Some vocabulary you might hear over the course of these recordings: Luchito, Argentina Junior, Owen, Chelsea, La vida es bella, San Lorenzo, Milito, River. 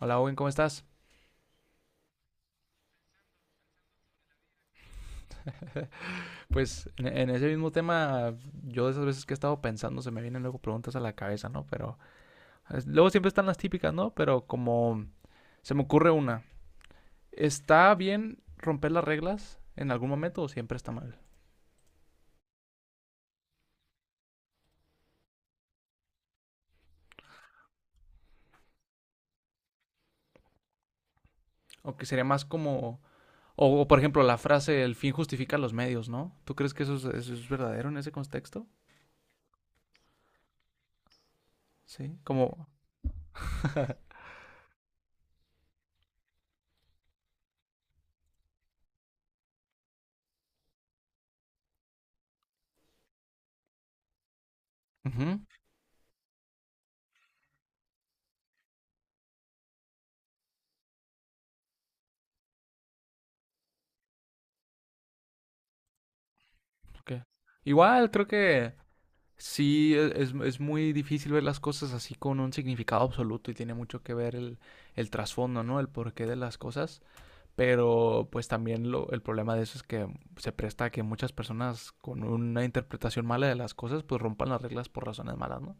Hola Owen, ¿cómo estás? Pues en ese mismo tema, yo de esas veces que he estado pensando, se me vienen luego preguntas a la cabeza, ¿no? Pero luego siempre están las típicas, ¿no? Pero como se me ocurre una, ¿está bien romper las reglas en algún momento o siempre está mal? O que sería más como, por ejemplo la frase, el fin justifica los medios, ¿no? ¿Tú crees que eso es verdadero en ese contexto? Sí, como... Ujú, ok. Igual creo que sí, es muy difícil ver las cosas así con un significado absoluto y tiene mucho que ver el trasfondo, ¿no? El porqué de las cosas. Pero pues también el problema de eso es que se presta a que muchas personas con una interpretación mala de las cosas pues rompan las reglas por razones malas, ¿no?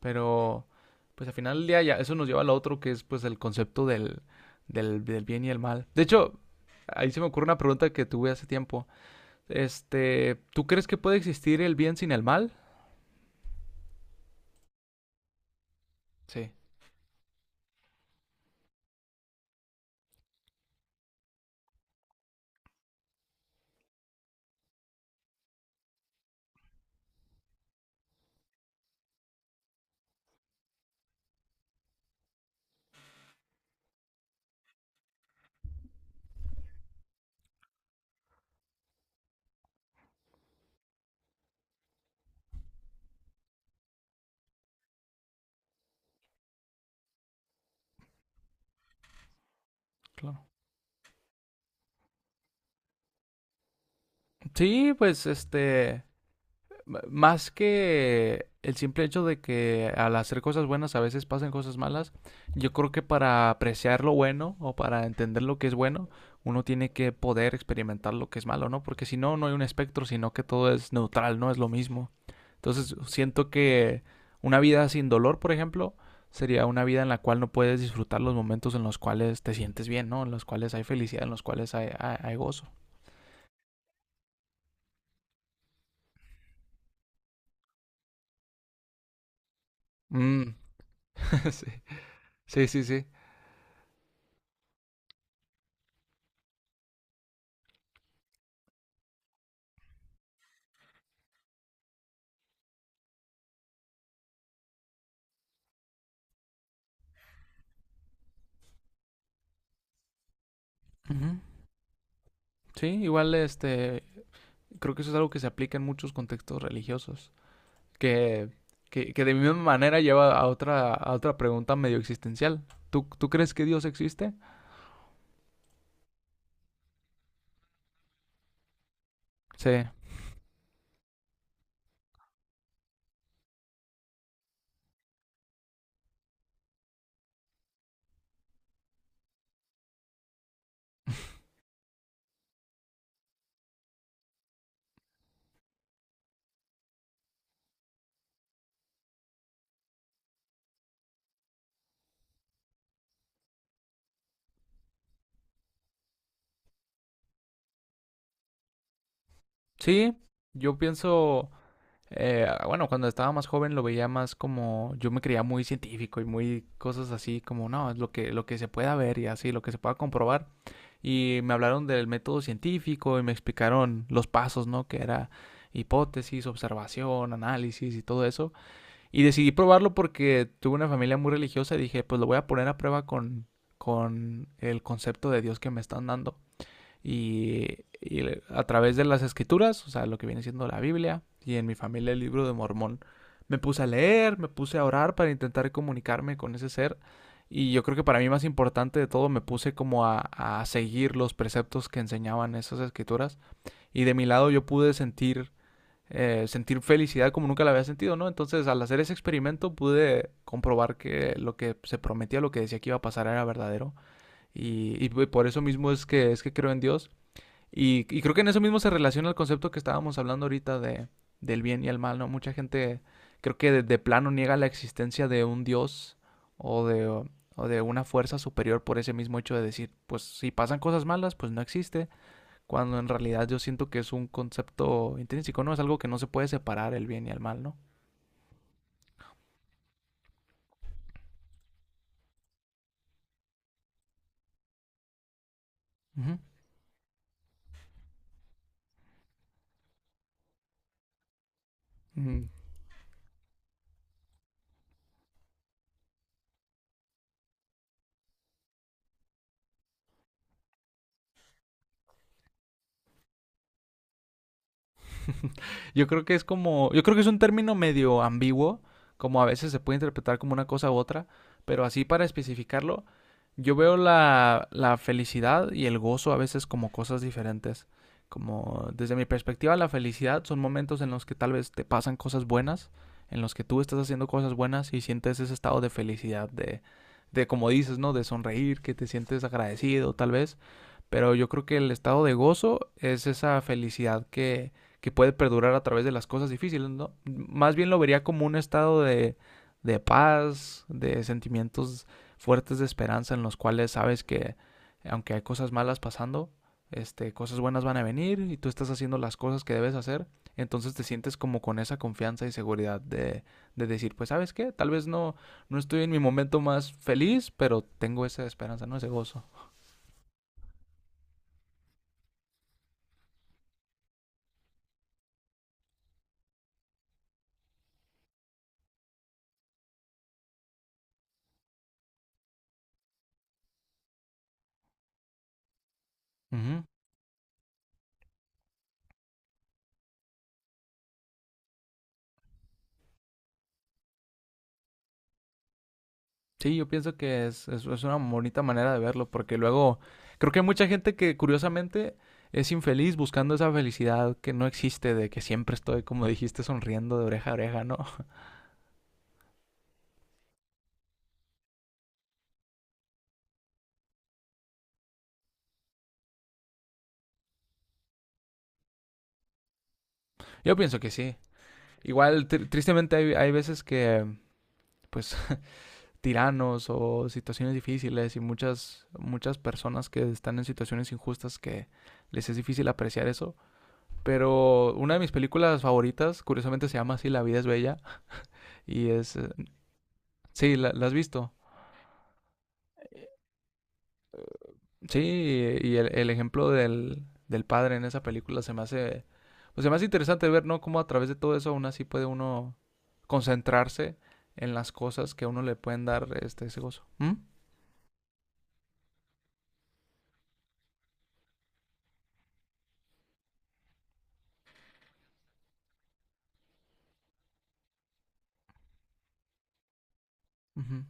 Pero pues al final del día ya eso nos lleva al otro que es pues el concepto del bien y el mal. De hecho, ahí se me ocurre una pregunta que tuve hace tiempo. Este, ¿tú crees que puede existir el bien sin el mal? Sí, claro. Sí, pues este, más que el simple hecho de que al hacer cosas buenas a veces pasan cosas malas, yo creo que para apreciar lo bueno o para entender lo que es bueno, uno tiene que poder experimentar lo que es malo, ¿no? Porque si no, no hay un espectro, sino que todo es neutral, no es lo mismo. Entonces, siento que una vida sin dolor, por ejemplo, sería una vida en la cual no puedes disfrutar los momentos en los cuales te sientes bien, ¿no? En los cuales hay felicidad, en los cuales hay gozo. Mm, sí, sí, sí. Sí. Ujú. Sí, igual este, creo que eso es algo que se aplica en muchos contextos religiosos, que, que de misma manera lleva a otra pregunta medio existencial. ¿Tú crees que Dios existe? Sí. Sí, yo pienso, bueno, cuando estaba más joven lo veía más como, yo me creía muy científico y muy cosas así, como, no, es lo que se pueda ver y así, lo que se pueda comprobar. Y me hablaron del método científico y me explicaron los pasos, ¿no? Que era hipótesis, observación, análisis y todo eso. Y decidí probarlo porque tuve una familia muy religiosa y dije, pues lo voy a poner a prueba con el concepto de Dios que me están dando y a través de las escrituras, o sea, lo que viene siendo la Biblia y en mi familia el libro de Mormón, me puse a leer, me puse a orar para intentar comunicarme con ese ser. Y yo creo que para mí más importante de todo me puse como a seguir los preceptos que enseñaban esas escrituras. Y de mi lado yo pude sentir, sentir felicidad como nunca la había sentido, ¿no? Entonces al hacer ese experimento pude comprobar que lo que se prometía, lo que decía que iba a pasar era verdadero. Y por eso mismo es es que creo en Dios. Y creo que en eso mismo se relaciona el concepto que estábamos hablando ahorita de, del bien y el mal, ¿no? Mucha gente creo que de plano niega la existencia de un Dios o de, o o de una fuerza superior por ese mismo hecho de decir, pues si pasan cosas malas, pues no existe, cuando en realidad yo siento que es un concepto intrínseco, ¿no? Es algo que no se puede separar el bien y el mal, ¿no? Ujú. Mm, yo creo que es como, yo creo que es un término medio ambiguo, como a veces se puede interpretar como una cosa u otra, pero así para especificarlo, yo veo la felicidad y el gozo a veces como cosas diferentes. Como desde mi perspectiva, la felicidad son momentos en los que tal vez te pasan cosas buenas, en los que tú estás haciendo cosas buenas y sientes ese estado de felicidad, de como dices, ¿no? De sonreír, que te sientes agradecido tal vez. Pero yo creo que el estado de gozo es esa felicidad que puede perdurar a través de las cosas difíciles, ¿no? Más bien lo vería como un estado de paz, de sentimientos fuertes de esperanza en los cuales sabes que aunque hay cosas malas pasando, este, cosas buenas van a venir y tú estás haciendo las cosas que debes hacer, entonces te sientes como con esa confianza y seguridad de decir, pues sabes qué, tal vez no estoy en mi momento más feliz, pero tengo esa esperanza, ¿no? Ese gozo. Ujú. Sí, yo pienso que es una bonita manera de verlo, porque luego creo que hay mucha gente que curiosamente es infeliz buscando esa felicidad que no existe, de que siempre estoy, como dijiste, sonriendo de oreja a oreja, ¿no? Yo pienso que sí. Igual, tristemente hay, hay veces que, pues, tiranos o situaciones difíciles y muchas, muchas personas que están en situaciones injustas que les es difícil apreciar eso. Pero una de mis películas favoritas, curiosamente se llama así, La vida es bella, y sí, la has visto. Sí, y el ejemplo del padre en esa película se me hace, pues se me hace interesante ver, ¿no? Cómo a través de todo eso aún así puede uno concentrarse en las cosas que a uno le pueden dar este, ese gozo. ¿Mm? Ujú.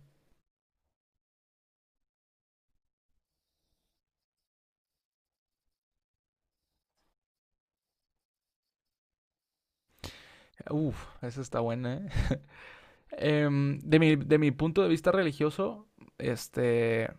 Uf, esa está buena, ¿eh? Em, de mi punto de vista religioso, este,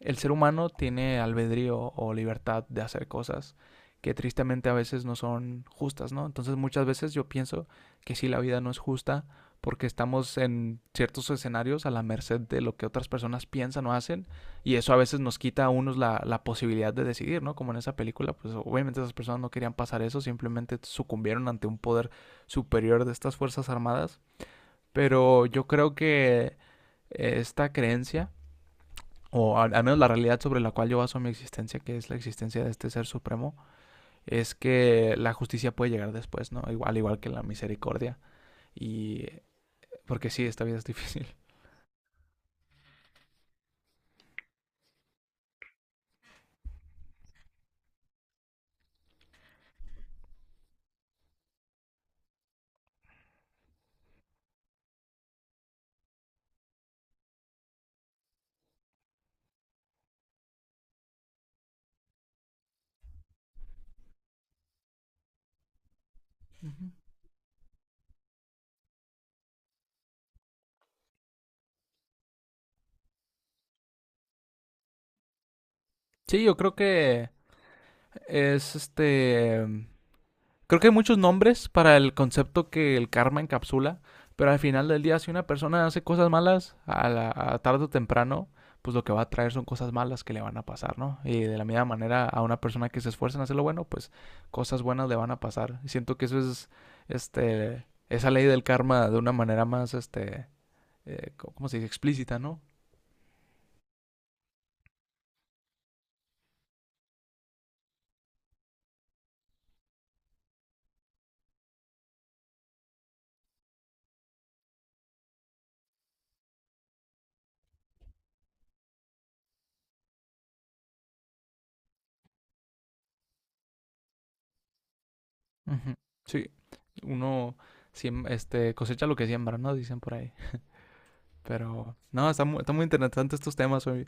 el ser humano tiene albedrío o libertad de hacer cosas que tristemente a veces no son justas, ¿no? Entonces muchas veces yo pienso que sí, la vida no es justa porque estamos en ciertos escenarios a la merced de lo que otras personas piensan o hacen y eso a veces nos quita a unos la posibilidad de decidir, ¿no? Como en esa película, pues obviamente esas personas no querían pasar eso, simplemente sucumbieron ante un poder superior de estas Fuerzas Armadas, pero yo creo que esta creencia o al menos la realidad sobre la cual yo baso mi existencia, que es la existencia de este ser supremo, es que la justicia puede llegar después, ¿no? Igual, igual que la misericordia. Y porque sí, esta vida es difícil. Uh-huh. Sí, yo creo que es este. Creo que hay muchos nombres para el concepto que el karma encapsula, pero al final del día, si una persona hace cosas malas, a tarde o temprano, pues lo que va a traer son cosas malas que le van a pasar, ¿no? Y de la misma manera, a una persona que se esfuerza en hacer lo bueno, pues cosas buenas le van a pasar. Y siento que eso es, este, esa ley del karma de una manera más, este, ¿cómo se dice? Explícita, ¿no? Ujú. Sí, uno este, cosecha lo que siembra, ¿no? Dicen por ahí. Pero, no, está muy interesante estos temas hoy.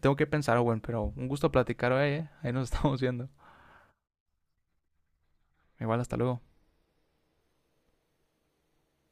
Tengo que pensar, Owen, pero un gusto platicar hoy, ¿eh? Ahí nos estamos viendo. Igual, hasta luego.